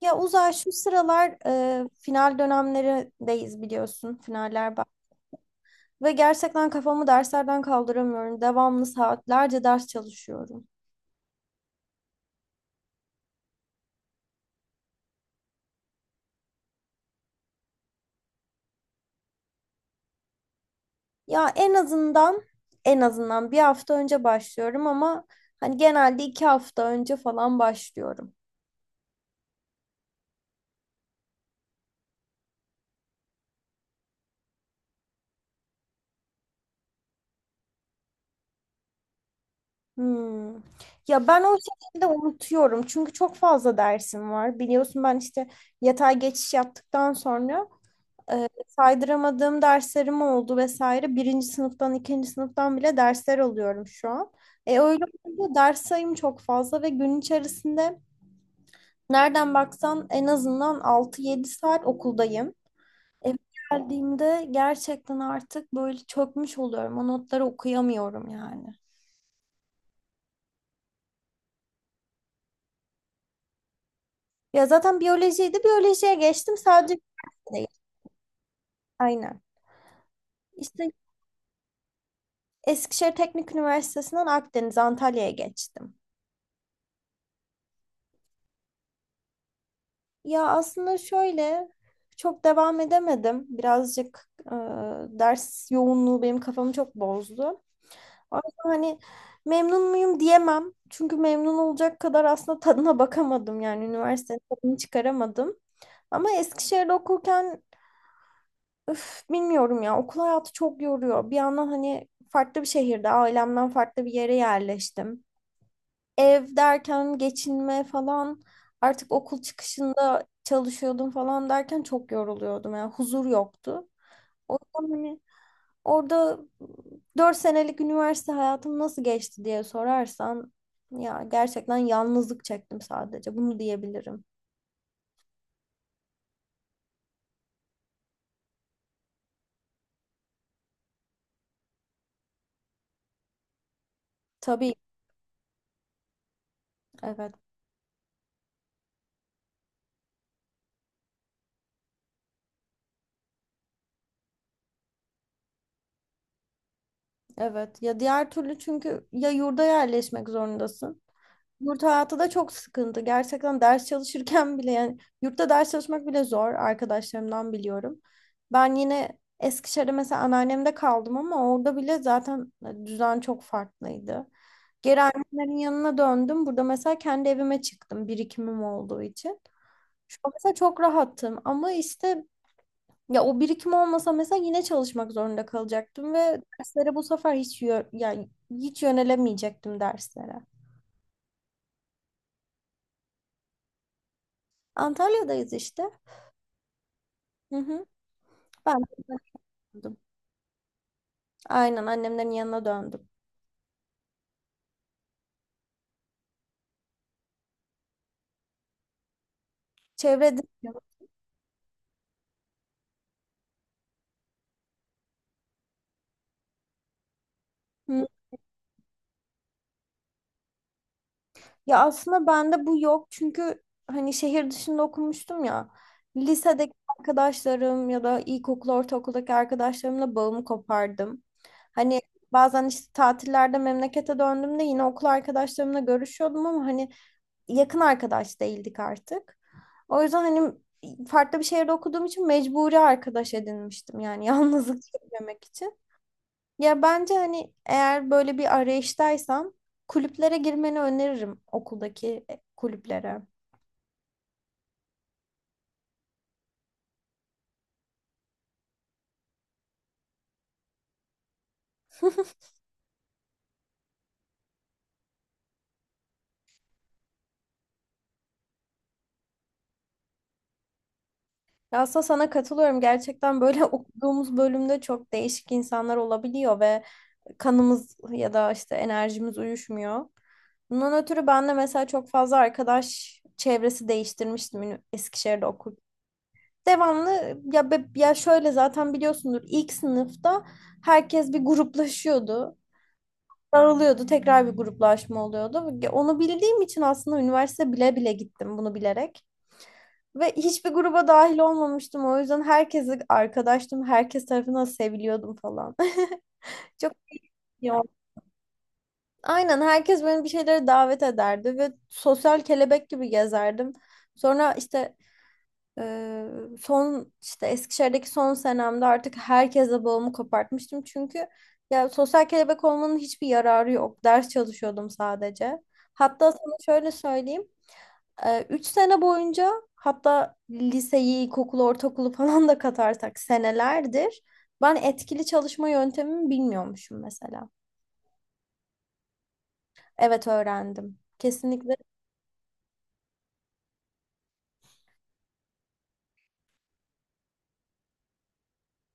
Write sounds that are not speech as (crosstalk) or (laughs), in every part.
Ya Uzay şu sıralar final dönemlerindeyiz biliyorsun. Finaller bak. Ve gerçekten kafamı derslerden kaldıramıyorum. Devamlı saatlerce ders çalışıyorum. Ya en azından 1 hafta önce başlıyorum ama hani genelde 2 hafta önce falan başlıyorum. Hmm. Ya ben o şekilde unutuyorum. Çünkü çok fazla dersim var. Biliyorsun ben işte yatay geçiş yaptıktan sonra saydıramadığım derslerim oldu vesaire. Birinci sınıftan, ikinci sınıftan bile dersler alıyorum şu an. E öyle olunca ders sayım çok fazla ve gün içerisinde nereden baksan en azından 6-7 saat okuldayım. Eve geldiğimde gerçekten artık böyle çökmüş oluyorum. O notları okuyamıyorum yani. Ya zaten biyolojiydi. Biyolojiye geçtim. Sadece değil. Aynen. İşte Eskişehir Teknik Üniversitesi'nden Akdeniz, Antalya'ya geçtim. Ya aslında şöyle çok devam edemedim. Birazcık ders yoğunluğu benim kafamı çok bozdu. Ama hani memnun muyum diyemem. Çünkü memnun olacak kadar aslında tadına bakamadım. Yani üniversitenin tadını çıkaramadım. Ama Eskişehir'de okurken üf, bilmiyorum ya okul hayatı çok yoruyor. Bir yandan hani farklı bir şehirde ailemden farklı bir yere yerleştim, ev derken geçinme falan, artık okul çıkışında çalışıyordum falan derken çok yoruluyordum. Yani huzur yoktu. O yüzden hani orada 4 senelik üniversite hayatım nasıl geçti diye sorarsan ya gerçekten yalnızlık çektim, sadece bunu diyebilirim. Tabii evet. Evet. Ya diğer türlü çünkü ya yurda yerleşmek zorundasın. Yurt hayatı da çok sıkıntı. Gerçekten ders çalışırken bile yani yurtta ders çalışmak bile zor, arkadaşlarımdan biliyorum. Ben yine Eskişehir'de mesela anneannemde kaldım ama orada bile zaten düzen çok farklıydı. Geri annemlerin yanına döndüm. Burada mesela kendi evime çıktım birikimim olduğu için. Şu an mesela çok rahattım ama işte ya o birikim olmasa mesela yine çalışmak zorunda kalacaktım ve derslere bu sefer hiç yani hiç yönelemeyecektim derslere. Antalya'dayız işte. Hı hı. Ben de döndüm. Aynen annemlerin yanına döndüm. Çevrede. Hı. Ya aslında bende bu yok çünkü hani şehir dışında okumuştum ya. Lisedeki arkadaşlarım ya da ilkokul, ortaokuldaki arkadaşlarımla bağımı kopardım. Hani bazen işte tatillerde memlekete döndüğümde yine okul arkadaşlarımla görüşüyordum ama hani yakın arkadaş değildik artık. O yüzden hani farklı bir şehirde okuduğum için mecburi arkadaş edinmiştim yani (laughs) yalnızlık çekmemek için. Ya bence hani eğer böyle bir arayıştaysan kulüplere girmeni öneririm, okuldaki kulüplere. (laughs) Ya aslında sana katılıyorum. Gerçekten böyle (laughs) okuduğumuz bölümde çok değişik insanlar olabiliyor ve kanımız ya da işte enerjimiz uyuşmuyor. Bundan ötürü ben de mesela çok fazla arkadaş çevresi değiştirmiştim Eskişehir'de okurken. Devamlı ya ya şöyle zaten biliyorsundur ilk sınıfta herkes bir gruplaşıyordu. Daralıyordu, tekrar bir gruplaşma oluyordu. Onu bildiğim için aslında üniversite bile bile gittim bunu bilerek. Ve hiçbir gruba dahil olmamıştım. O yüzden herkese arkadaştım. Herkes tarafından seviliyordum falan. (laughs) Çok iyi oldu. Aynen herkes beni bir şeylere davet ederdi ve sosyal kelebek gibi gezerdim. Sonra işte Ee, son işte Eskişehir'deki son senemde artık herkese bağımı kopartmıştım. Çünkü ya sosyal kelebek olmanın hiçbir yararı yok. Ders çalışıyordum sadece. Hatta sana şöyle söyleyeyim. 3 sene boyunca, hatta liseyi, ilkokulu, ortaokulu falan da katarsak senelerdir ben etkili çalışma yöntemimi bilmiyormuşum mesela. Evet öğrendim. Kesinlikle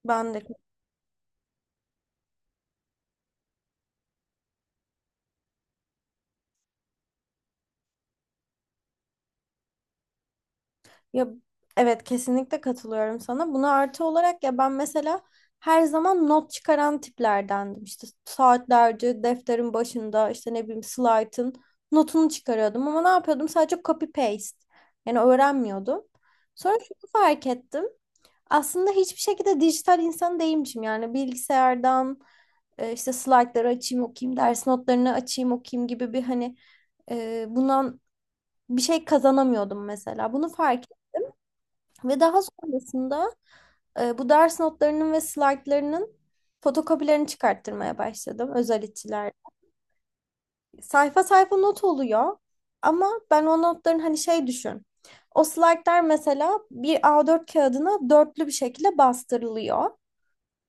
ben de. Ya evet kesinlikle katılıyorum sana. Buna artı olarak ya ben mesela her zaman not çıkaran tiplerdendim. İşte saatlerce defterin başında işte ne bileyim slaytın notunu çıkarıyordum ama ne yapıyordum? Sadece copy paste. Yani öğrenmiyordum. Sonra şunu fark ettim. Aslında hiçbir şekilde dijital insan değilmişim. Yani bilgisayardan işte slaytları açayım okuyayım, ders notlarını açayım okuyayım gibi bir hani bundan bir şey kazanamıyordum mesela. Bunu fark ve daha sonrasında bu ders notlarının ve slaytlarının fotokopilerini çıkarttırmaya başladım özel içiler. Sayfa sayfa not oluyor ama ben o notların hani şey düşün. O slaytlar mesela bir A4 kağıdına dörtlü bir şekilde bastırılıyor.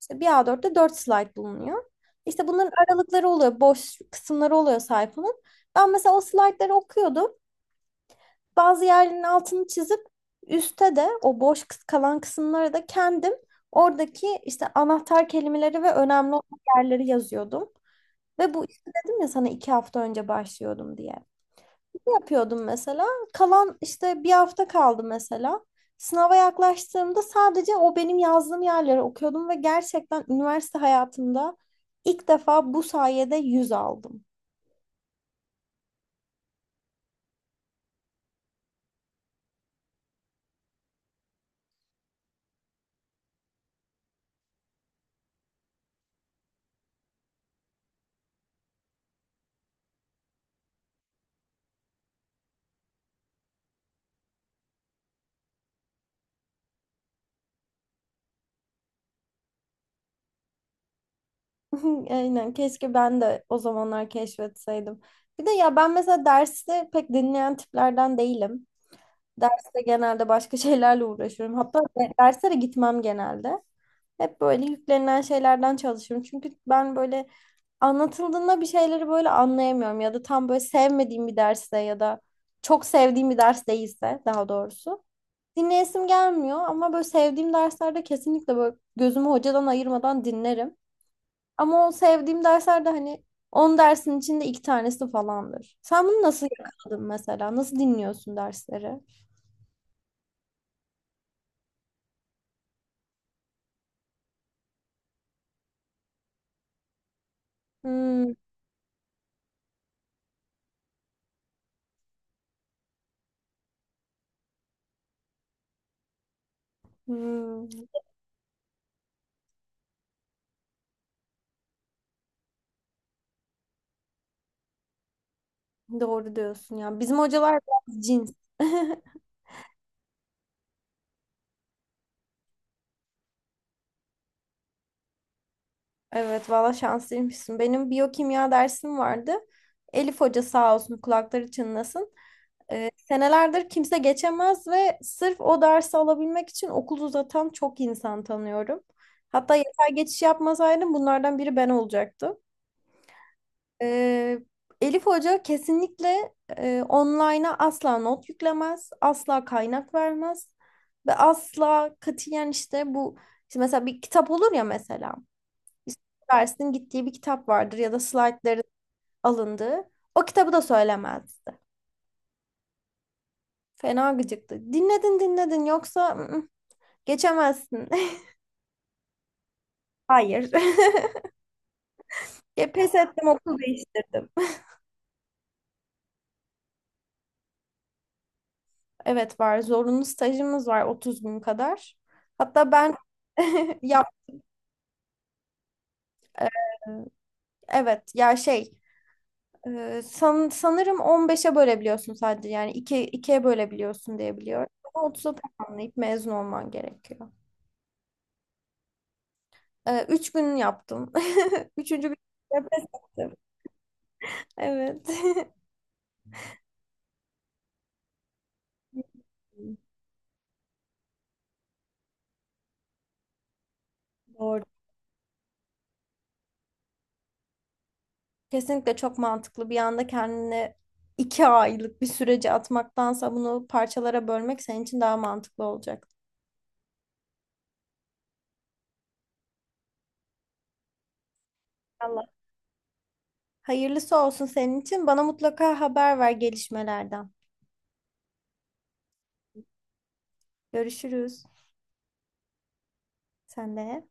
İşte bir A4'te dört slayt bulunuyor. İşte bunların aralıkları oluyor, boş kısımları oluyor sayfanın. Ben mesela o slaytları okuyordum. Bazı yerlerinin altını çizip üstte de o boş kalan kısımlara da kendim oradaki işte anahtar kelimeleri ve önemli olan yerleri yazıyordum. Ve bu işte dedim ya sana 2 hafta önce başlıyordum diye. Ne yapıyordum mesela? Kalan işte 1 hafta kaldı mesela. Sınava yaklaştığımda sadece o benim yazdığım yerleri okuyordum ve gerçekten üniversite hayatımda ilk defa bu sayede 100 aldım. (laughs) Aynen keşke ben de o zamanlar keşfetseydim. Bir de ya ben mesela dersi pek dinleyen tiplerden değilim. Derste genelde başka (laughs) şeylerle uğraşıyorum. Hatta derslere gitmem genelde. Hep böyle yüklenilen şeylerden çalışıyorum. Çünkü ben böyle anlatıldığında bir şeyleri böyle anlayamıyorum. Ya da tam böyle sevmediğim bir derste ya da çok sevdiğim bir ders değilse daha doğrusu. Dinleyesim gelmiyor ama böyle sevdiğim derslerde kesinlikle böyle gözümü hocadan ayırmadan dinlerim. Ama o sevdiğim dersler de hani 10 dersin içinde iki tanesi falandır. Sen bunu nasıl yakaladın mesela? Nasıl dinliyorsun dersleri? Hmm, hmm. Doğru diyorsun ya. Bizim hocalar biraz cins. (laughs) Evet valla şanslıymışsın. Benim biyokimya dersim vardı. Elif Hoca sağ olsun, kulakları çınlasın. Senelerdir kimse geçemez ve sırf o dersi alabilmek için okul uzatan çok insan tanıyorum. Hatta yeter geçiş yapmasaydım bunlardan biri ben olacaktım. E, Elif Hoca kesinlikle online'a asla not yüklemez, asla kaynak vermez ve asla katiyen işte bu işte mesela bir kitap olur ya mesela işte dersin gittiği bir kitap vardır ya da slaytların alındığı o kitabı da söylemezdi. Fena gıcıktı. Dinledin dinledin, yoksa ı-ı, geçemezsin. (laughs) Hayır. (laughs) Ya pes ettim, okul değiştirdim. Evet var. Zorunlu stajımız var 30 gün kadar. Hatta ben (laughs) yap e, evet ya şey sanırım 15'e bölebiliyorsun sadece, yani 2 ikiye bölebiliyorsun diye biliyorum. Ama 30'a tamamlayıp mezun olman gerekiyor. 3 gün yaptım. (laughs) Üçüncü gün de pes ettim. Evet. (laughs) Doğru. Kesinlikle çok mantıklı. Bir anda kendini 2 aylık bir sürece atmaktansa bunu parçalara bölmek senin için daha mantıklı olacak. Allah. Hayırlısı olsun senin için. Bana mutlaka haber ver gelişmelerden. Görüşürüz. Sen de.